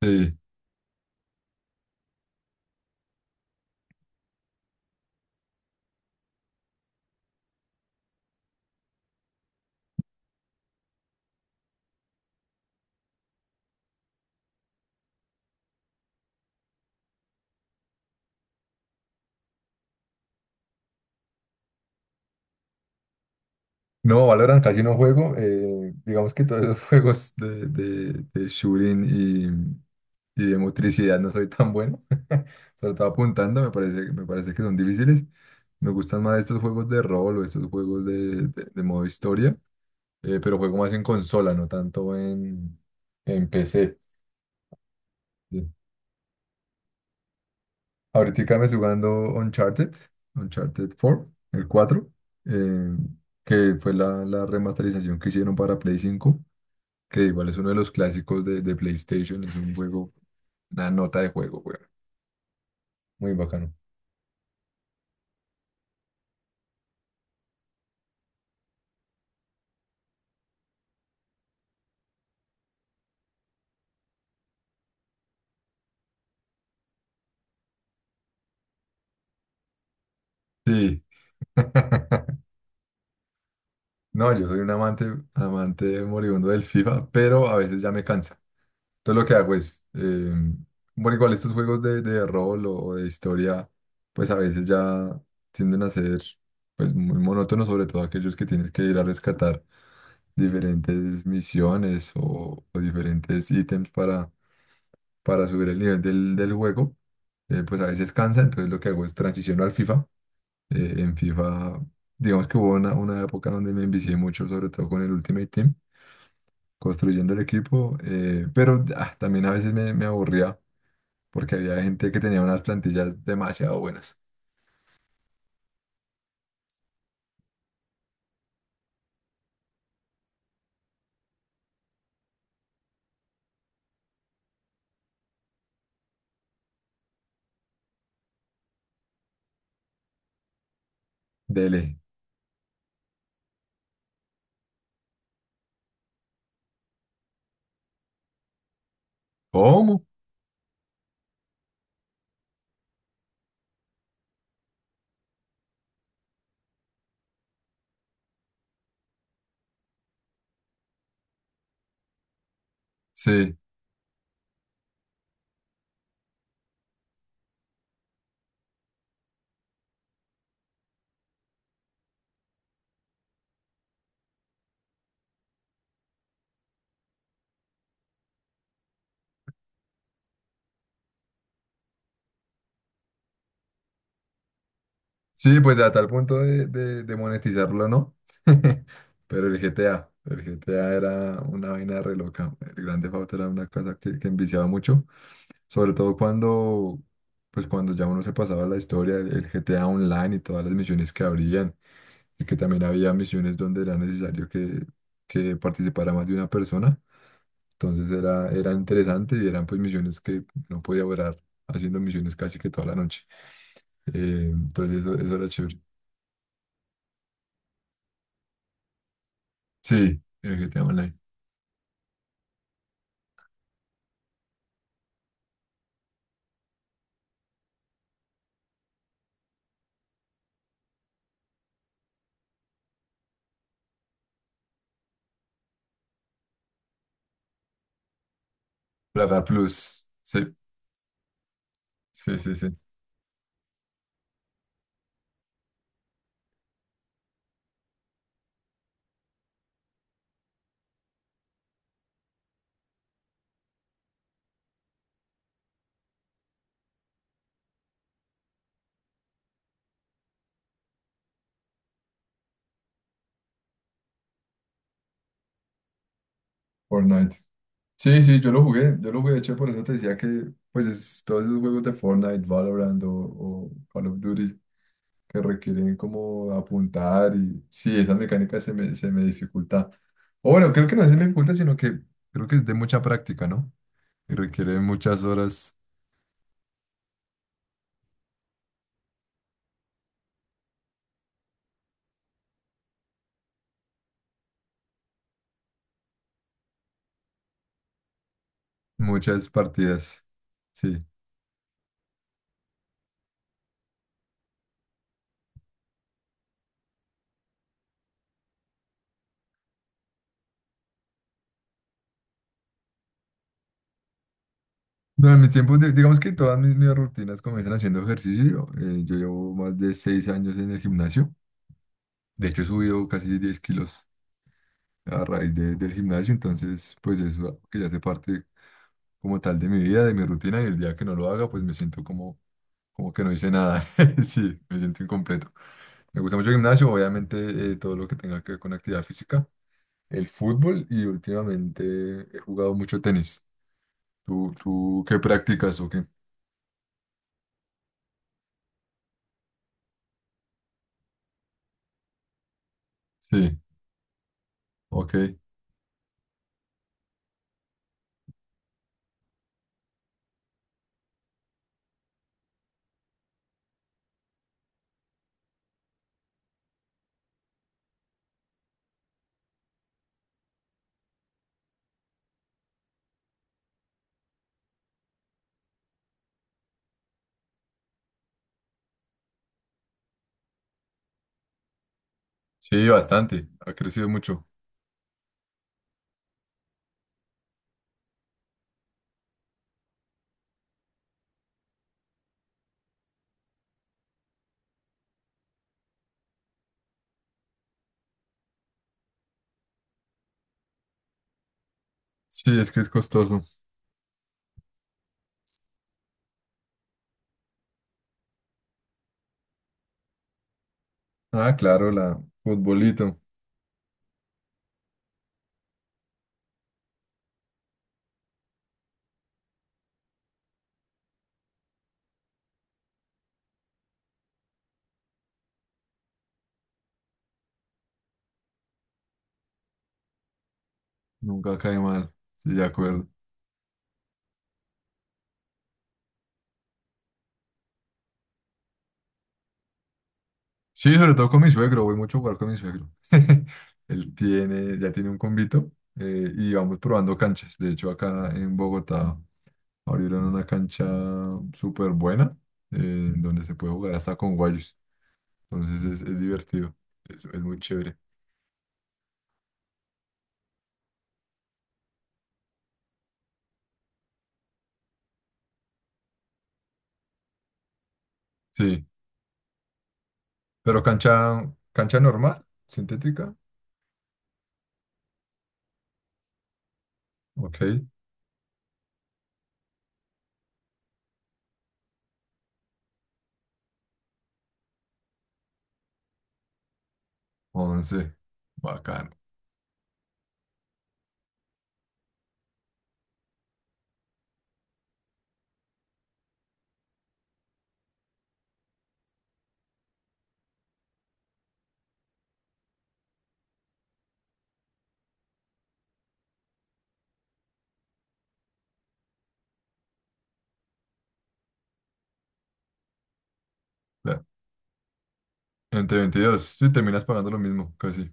Sí. No, Valorant casi no juego. Digamos que todos los juegos de shooting y de motricidad no soy tan bueno. Sobre todo apuntando, me parece que son difíciles. Me gustan más estos juegos de rol o estos juegos de modo historia, pero juego más en consola, no tanto en PC. Sí. Ahorita me estoy jugando Uncharted, Uncharted 4, el 4, eh, que fue la remasterización que hicieron para Play 5. Que igual es uno de los clásicos de PlayStation, es un juego, una nota de juego, güey. Muy bacano. Sí. No, yo soy un amante, amante moribundo del FIFA, pero a veces ya me cansa. Entonces lo que hago es, bueno, igual estos juegos de rol o de historia, pues a veces ya tienden a ser pues muy monótonos, sobre todo aquellos que tienes que ir a rescatar diferentes misiones o diferentes ítems para subir el nivel del juego. Pues a veces cansa, entonces lo que hago es transiciono al FIFA. En FIFA, digamos que hubo una época donde me envicié mucho, sobre todo con el Ultimate Team, construyendo el equipo, pero también a veces me aburría porque había gente que tenía unas plantillas demasiado buenas. Dele. ¿Cómo? Sí, sí, pues a tal punto de monetizarlo, ¿no? Pero el GTA, el GTA era una vaina re loca. El Grand Theft Auto era una cosa que enviciaba mucho. Sobre todo cuando, pues cuando ya uno se pasaba la historia, el G T A Online y todas las misiones que habrían, y que también había misiones donde era necesario que participara más de una persona. Entonces era interesante y eran pues misiones que no podía durar haciendo misiones casi que toda la noche. Entonces eso era chévere. Sí, el G T A Online. Plaga Plus. Sí, sí, sí, sí. Fortnite. Sí, sí, yo lo jugué, de hecho, por eso te decía que, pues, todos esos juegos de Fortnite, Valorant o Call of Duty que requieren como apuntar y, sí, esa mecánica se me dificulta. O bueno, creo que no se me dificulta, sino que creo que es de mucha práctica, ¿no? Y requiere muchas horas, muchas partidas, sí. No, en mis tiempos, digamos que todas mis rutinas comienzan haciendo ejercicio. Yo llevo más de 6 años en el gimnasio. De hecho, he subido casi 10 kilos a raíz del gimnasio, entonces pues eso que ya hace parte como tal de mi vida, de mi rutina y el día que no lo haga pues me siento como, como que no hice nada, sí, me siento incompleto. Me gusta mucho el gimnasio, obviamente todo lo que tenga que ver con actividad física, el fútbol y últimamente he jugado mucho tenis. ¿Tú, tú qué practicas o qué? Sí, ok. Sí, bastante, ha crecido mucho. Sí, es que es costoso. Ah, claro, la futbolito, nunca cae mal, sí, de acuerdo. Sí, sobre todo con mi suegro, voy mucho a jugar con mi suegro. Él tiene, ya tiene un convito y vamos probando canchas. De hecho, acá en Bogotá abrieron una cancha súper buena, donde se puede jugar hasta con guayos. Entonces es divertido, es muy chévere. Sí, pero cancha, cancha normal, sintética, ok. 11, bacano. Ya, entre 22 sí, terminas pagando lo mismo, casi,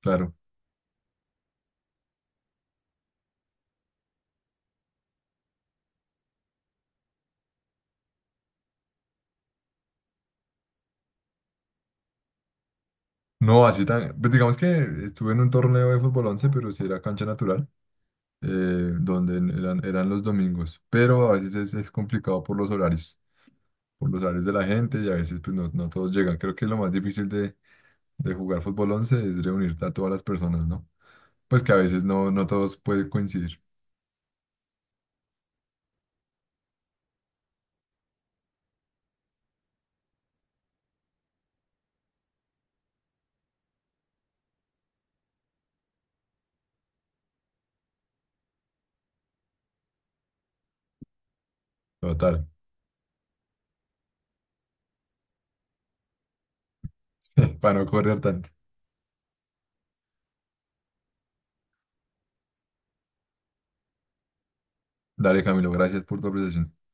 claro. No, así tan. Pues digamos que estuve en un torneo de fútbol 11, pero sí era cancha natural, donde eran, eran los domingos. Pero a veces es complicado por los horarios de la gente y a veces pues no, no todos llegan. Creo que lo más difícil de jugar fútbol 11 es reunirte a todas las personas, ¿no? Pues que a veces no, no todos pueden coincidir. Total. Para no correr tanto. Dale, Camilo, gracias por tu apreciación.